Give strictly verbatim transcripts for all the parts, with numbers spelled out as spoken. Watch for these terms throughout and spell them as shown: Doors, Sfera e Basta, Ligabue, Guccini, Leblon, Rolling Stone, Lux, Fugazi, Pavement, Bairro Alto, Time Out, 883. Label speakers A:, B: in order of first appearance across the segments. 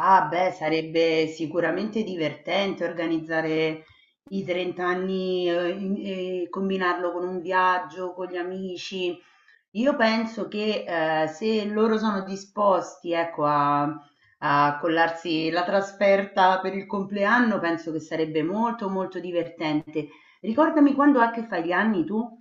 A: Ah, beh, sarebbe sicuramente divertente organizzare i trenta anni eh, in- e combinarlo con un viaggio, con gli amici. Io penso che eh, se loro sono disposti, ecco, a, a collarsi la trasferta per il compleanno, penso che sarebbe molto, molto divertente. Ricordami quando è che fai gli anni tu?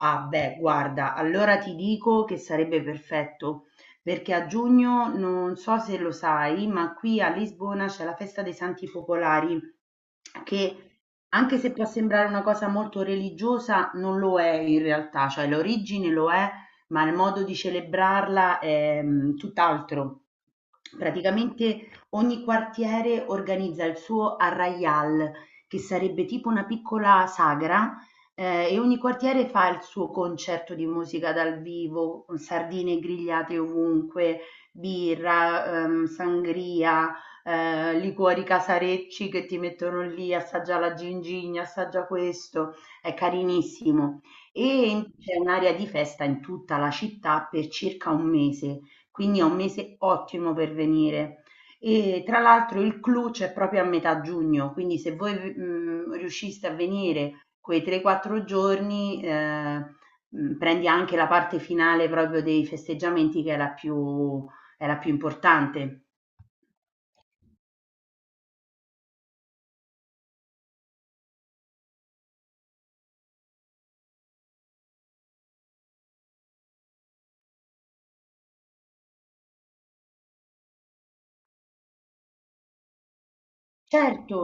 A: Ah beh, guarda, allora ti dico che sarebbe perfetto, perché a giugno non so se lo sai, ma qui a Lisbona c'è la festa dei Santi Popolari che anche se può sembrare una cosa molto religiosa, non lo è in realtà, cioè l'origine lo è, ma il modo di celebrarla è mh, tutt'altro. Praticamente ogni quartiere organizza il suo arraial, che sarebbe tipo una piccola sagra, eh, e ogni quartiere fa il suo concerto di musica dal vivo, sardine grigliate ovunque, birra, ehm, sangria, eh, liquori casarecci che ti mettono lì, assaggia la gingigna, assaggia questo, è carinissimo. E in- c'è un'area di festa in tutta la città per circa un mese, quindi è un mese ottimo per venire. E tra l'altro il clou c'è proprio a metà giugno, quindi se voi mm, riusciste a venire quei tre quattro giorni, eh, mh, prendi anche la parte finale proprio dei festeggiamenti che è la più, è la più importante. Certo,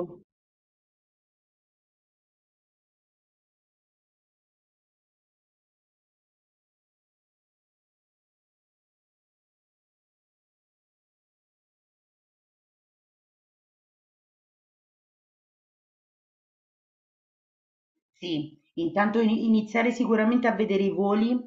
A: sì, intanto ini- iniziare sicuramente a vedere i voli,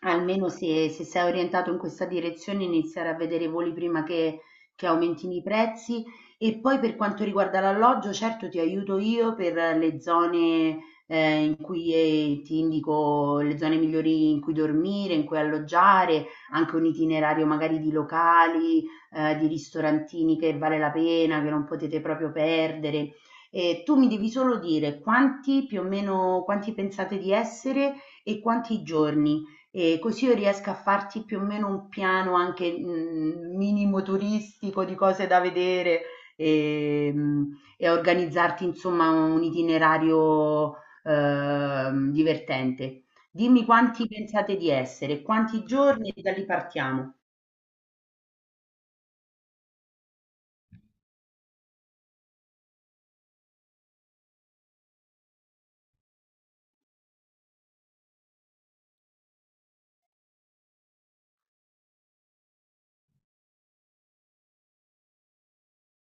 A: almeno se, se sei orientato in questa direzione, iniziare a vedere i voli prima che, che aumentino i prezzi. E poi per quanto riguarda l'alloggio, certo ti aiuto io per le zone eh, in cui eh, ti indico le zone migliori in cui dormire, in cui alloggiare, anche un itinerario magari di locali, eh, di ristorantini che vale la pena, che non potete proprio perdere. Ehm, tu mi devi solo dire quanti più o meno quanti pensate di essere e quanti giorni, ehm, così io riesco a farti più o meno un piano anche, mhmm, minimo turistico di cose da vedere, ehm, e a organizzarti insomma un itinerario ehm, divertente. Dimmi quanti pensate di essere, quanti giorni e da lì partiamo.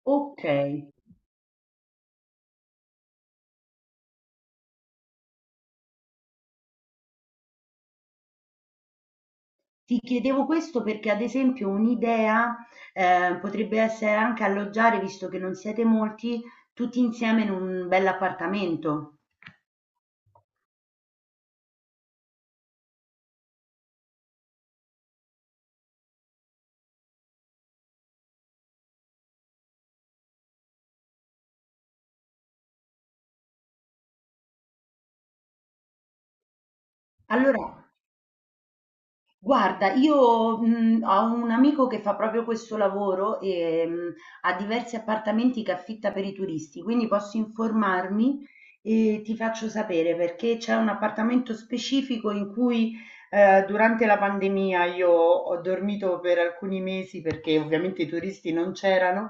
A: Okay. Ti chiedevo questo perché, ad esempio, un'idea eh, potrebbe essere anche alloggiare, visto che non siete molti, tutti insieme in un bell'appartamento. Allora, guarda, io, mhmm, ho un amico che fa proprio questo lavoro, ehm, ha diversi appartamenti che affitta per i turisti, quindi posso informarmi e ti faccio sapere, perché c'è un appartamento specifico in cui, ehm, durante la pandemia io ho dormito per alcuni mesi perché ovviamente i turisti non c'erano.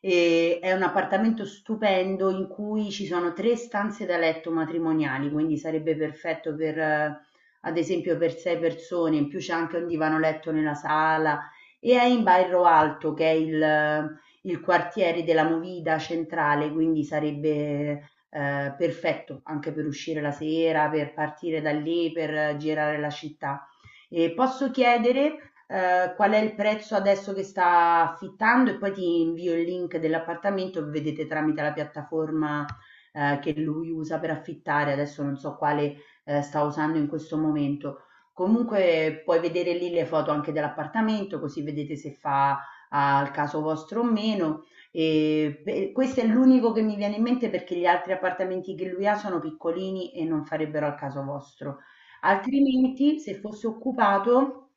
A: ehm, È un appartamento stupendo in cui ci sono tre stanze da letto matrimoniali, quindi sarebbe perfetto per eh, ad esempio per sei persone, in più c'è anche un divano letto nella sala e è in Bairro Alto che è il, il quartiere della Movida centrale, quindi sarebbe eh, perfetto anche per uscire la sera, per partire da lì, per eh, girare la città. E posso chiedere eh, qual è il prezzo adesso che sta affittando e poi ti invio il link dell'appartamento, vedete tramite la piattaforma eh, che lui usa per affittare, adesso non so quale eh, sta usando in questo momento. Comunque puoi vedere lì le foto anche dell'appartamento, così vedete se fa al caso vostro o meno. E beh, questo è l'unico che mi viene in mente perché gli altri appartamenti che lui ha sono piccolini e non farebbero al caso vostro. Altrimenti, se fosse occupato,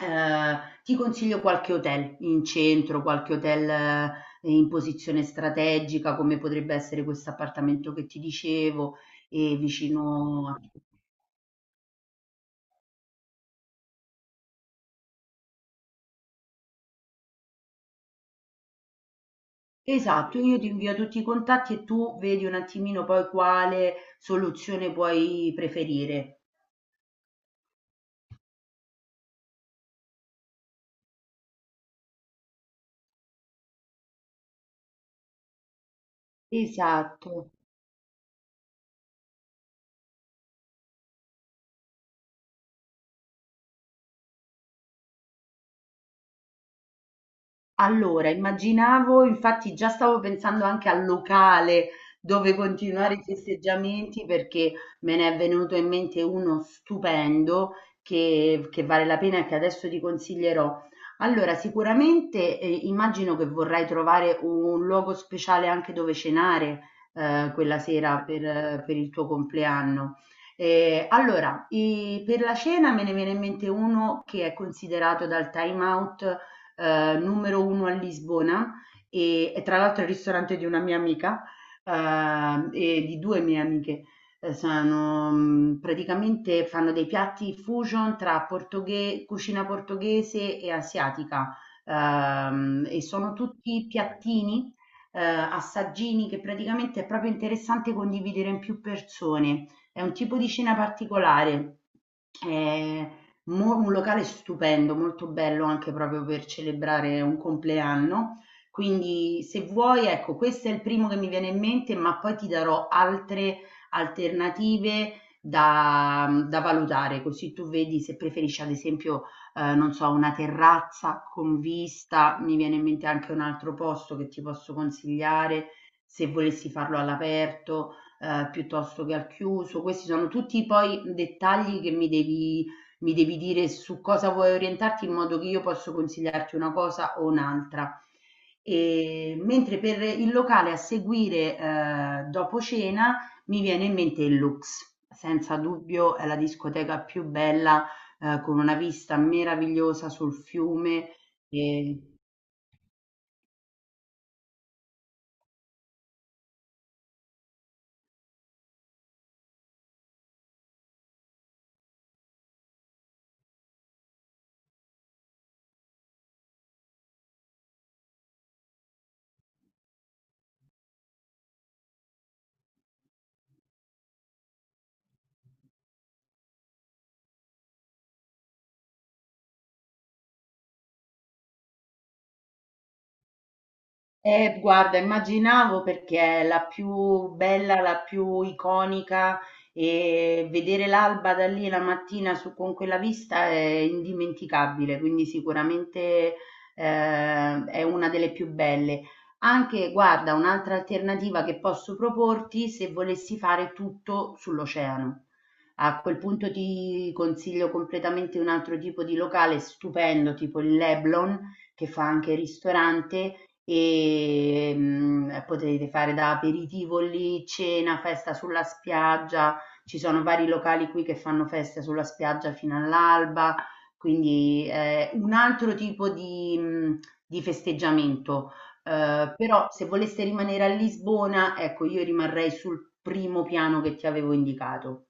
A: eh, ti consiglio qualche hotel in centro, qualche hotel eh, in posizione strategica, come potrebbe essere questo appartamento che ti dicevo, e vicino a... Esatto, io ti invio tutti i contatti e tu vedi un attimino poi quale soluzione puoi preferire. Esatto. Allora, immaginavo, infatti già stavo pensando anche al locale dove continuare i festeggiamenti, perché me ne è venuto in mente uno stupendo che, che vale la pena e che adesso ti consiglierò. Allora, sicuramente eh, immagino che vorrai trovare un luogo speciale anche dove cenare eh, quella sera per, eh, per il tuo compleanno. Eh, allora, i- per la cena me ne viene in mente uno che è considerato dal Time Out eh, numero uno a Lisbona e, e tra l'altro è il ristorante di una mia amica, eh, e di due mie amiche. Eh, Sono, mh, praticamente fanno dei piatti fusion tra portoghe- cucina portoghese e asiatica, ehm, e sono tutti piattini, eh, assaggini che praticamente è proprio interessante condividere in più persone. È un tipo di cena particolare. Eh, Mo un locale stupendo, molto bello anche proprio per celebrare un compleanno. Quindi se vuoi, ecco, questo è il primo che mi viene in mente, ma poi ti darò altre alternative da, da valutare, così tu vedi se preferisci ad esempio, eh, non so, una terrazza con vista, mi viene in mente anche un altro posto che ti posso consigliare se volessi farlo all'aperto, eh, piuttosto che al chiuso. Questi sono tutti poi dettagli che mi devi mi devi dire su cosa vuoi orientarti in modo che io posso consigliarti una cosa o un'altra. E, mentre per il locale a seguire eh, dopo cena mi viene in mente il Lux. Senza dubbio è la discoteca più bella, eh, con una vista meravigliosa sul fiume. E Eh, guarda, immaginavo perché è la più bella, la più iconica e vedere l'alba da lì la mattina su- con quella vista è indimenticabile, quindi sicuramente eh, è una delle più belle. Anche, guarda, un'altra alternativa che posso proporti se volessi fare tutto sull'oceano. A quel punto ti consiglio completamente un altro tipo di locale stupendo, tipo il Leblon che fa anche ristorante e mh, potete fare da aperitivo lì, cena, festa sulla spiaggia, ci sono vari locali qui che fanno feste sulla spiaggia fino all'alba, quindi è un altro tipo di, mh, di festeggiamento. Eh, però se voleste rimanere a Lisbona, ecco, io rimarrei sul primo piano che ti avevo indicato.